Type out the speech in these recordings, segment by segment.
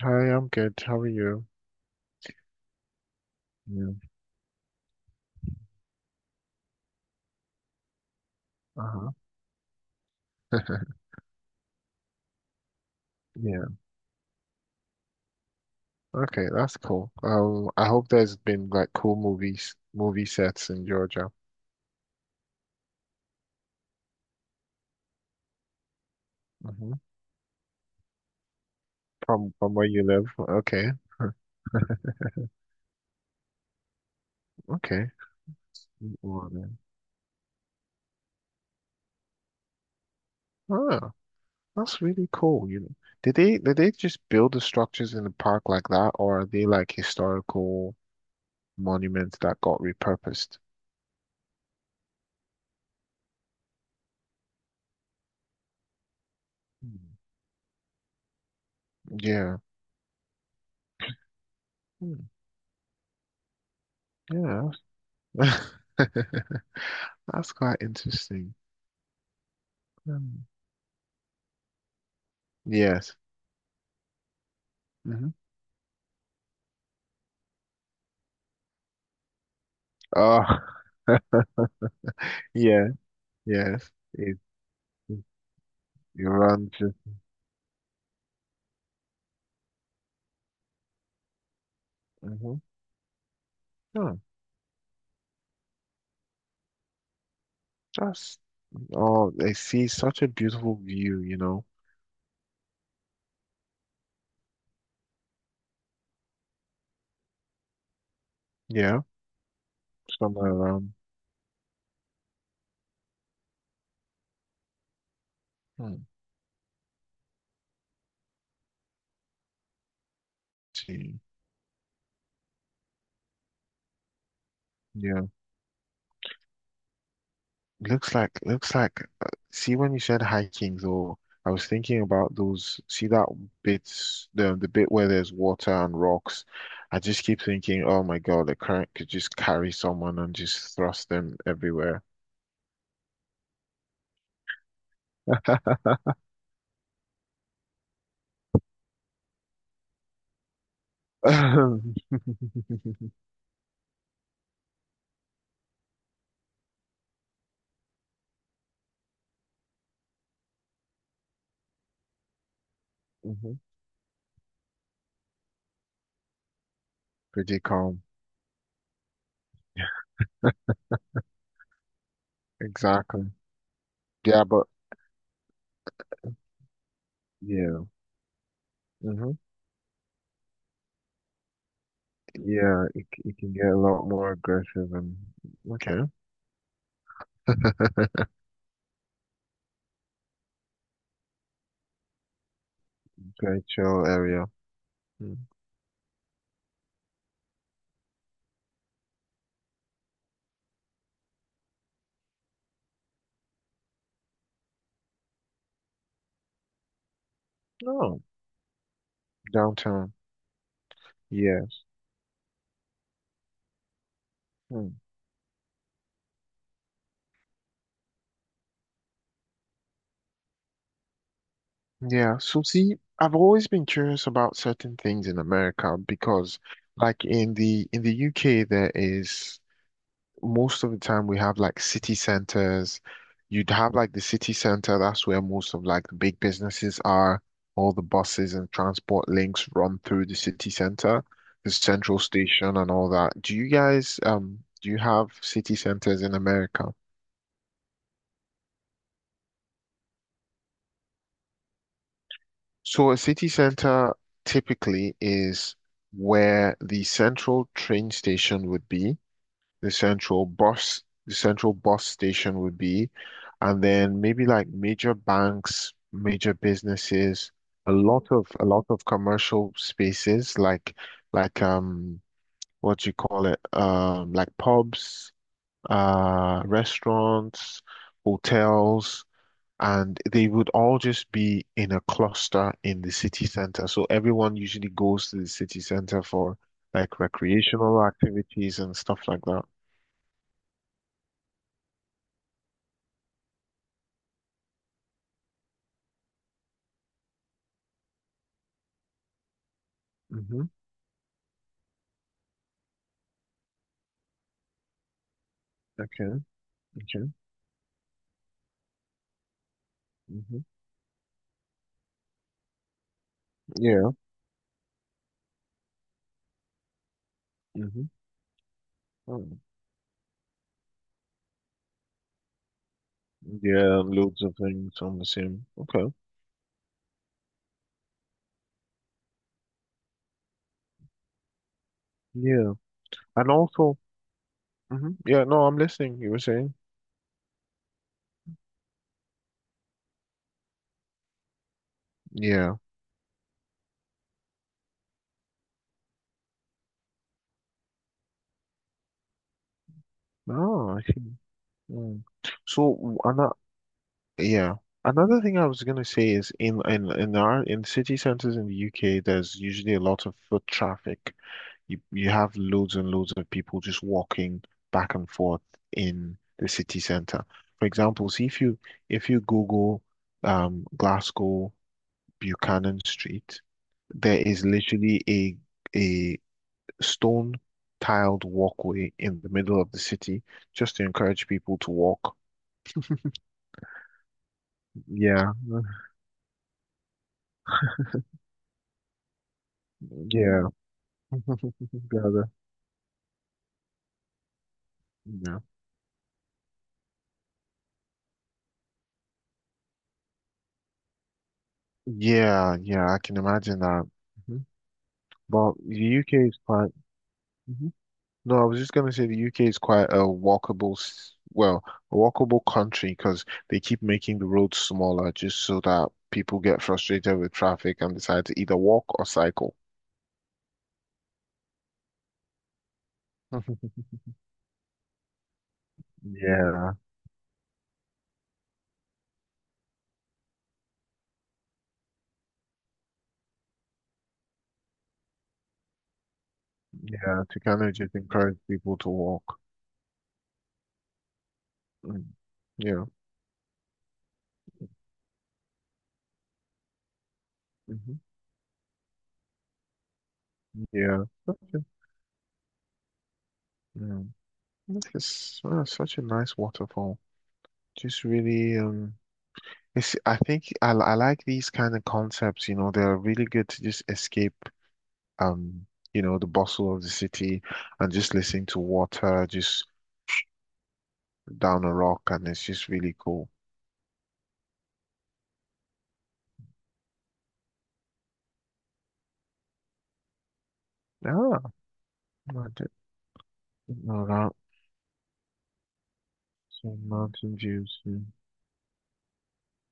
Hi, I'm good. How are you? Yeah. Uh-huh. Yeah. Okay, that's cool. I hope there's been like cool movie sets in Georgia. Hmm. From where you live. Okay. Okay. Well then. Oh, that's really cool, you know. Did they just build the structures in the park like that, or are they like historical monuments that got repurposed? Hmm. Yeah. Hmm. Yeah. That's quite interesting. Hmm. Yes. Mm-hmm. Oh, yeah, yes. It, it it runs it. Hmm. Oh, that's, oh, I see such a beautiful view, you know. Yeah, somewhere around. Hmm. See, yeah. Looks like, see, when you said hiking, though, I was thinking about those, see that bits, the bit where there's water and rocks. I just keep thinking, oh my God, the current could just carry someone and just thrust them everywhere. Mhm. Pretty calm. Exactly. Yeah, but yeah. Hmm. Yeah, it can get a lot more aggressive and okay. Very chill area. Mm. No, downtown. Yes. Mm. Yeah. So see, I've always been curious about certain things in America because like in the UK there is most of the time we have like city centers. You'd have like the city center, that's where most of like the big businesses are. All the buses and transport links run through the city center, the central station and all that. Do you guys do you have city centers in America? So a city center typically is where the central train station would be. The central bus, the central bus station would be, and then maybe like major banks, major businesses, a lot of commercial spaces like like um what do you call it? Like pubs, restaurants, hotels. And they would all just be in a cluster in the city center. So everyone usually goes to the city center for like recreational activities and stuff like that. Mhm. Okay, okay. Hmm. Yeah. Hmm. Oh. Yeah, loads of things on the same. Okay. Yeah. And also, hmm. Yeah, no, I'm listening. You were saying? Yeah. Oh, I see. Mm. So, another, yeah. Another thing I was gonna say is in our in city centers in the UK, there's usually a lot of foot traffic. You have loads and loads of people just walking back and forth in the city center. For example, see if you Google Glasgow Buchanan Street, there is literally a stone tiled walkway in the middle of the city just to encourage people to walk. Yeah, yeah, gather. Yeah, yeah. I can imagine that. Mhm. But the UK is quite. No, I was just going to say the UK is quite a walkable, well, a walkable country because they keep making the roads smaller just so that people get frustrated with traffic and decide to either walk or cycle. Yeah, yeah, to kind of just encourage people to walk. Mm. Yeah, hmm, yeah. Okay. Mm. It's such a nice waterfall. Just really, it's, I think I like these kind of concepts, you know, they're really good to just escape um, you know, the bustle of the city and just listening to water just down a rock and it's just really cool. Ah, I didn't know that. Some mountain views, yeah.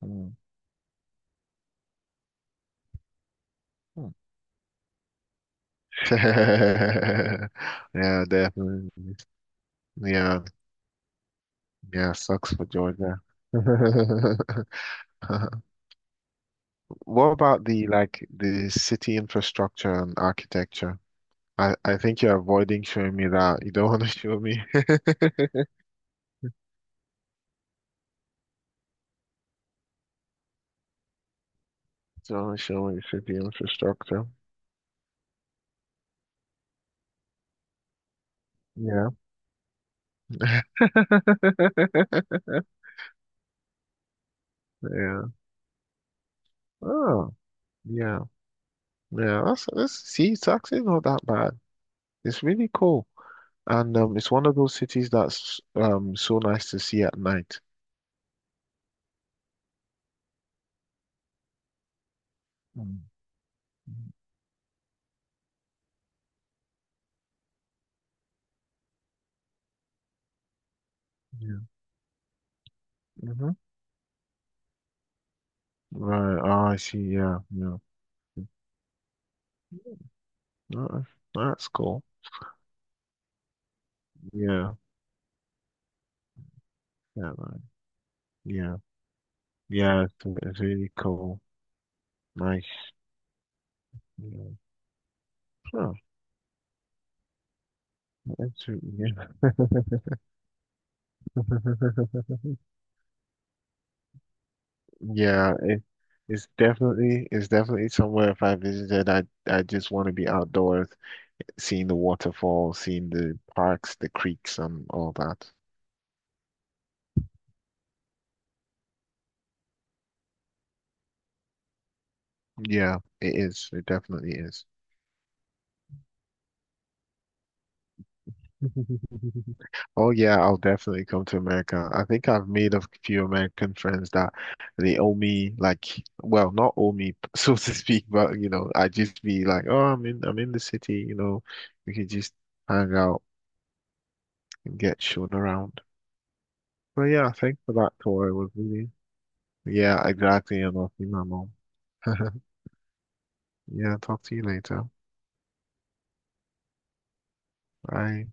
Hmm. Hmm. Yeah, definitely. Yeah, yeah, sucks for Georgia. What about the city infrastructure and architecture? I think you're avoiding showing me that. You don't want to show me. Don't want to show me city infrastructure. Yeah. Yeah. Oh, yeah. Yeah. That's, see, it's actually not that bad. It's really cool. And it's one of those cities that's so nice to see at night. Mm. Yeah. Mm-hmm. Right. Oh, I see. Yeah. Yeah. Uh, that's cool. Yeah. Yeah. Right. Yeah. Yeah. It's, it's really cool. Nice. Yeah. Huh, it's, yeah. Yeah, it's definitely somewhere if I visited, I just want to be outdoors, seeing the waterfalls, seeing the parks, the creeks, and all that. Yeah, it is. It definitely is. Oh yeah, I'll definitely come to America. I think I've made a few American friends that they owe me like, well, not owe me so to speak, but you know, I just be like, oh, I'm in the city, you know, we could just hang out and get shown around. But yeah, thanks for that tour. It was really, yeah, exactly. You're not my mom. Yeah, talk to you later. Bye.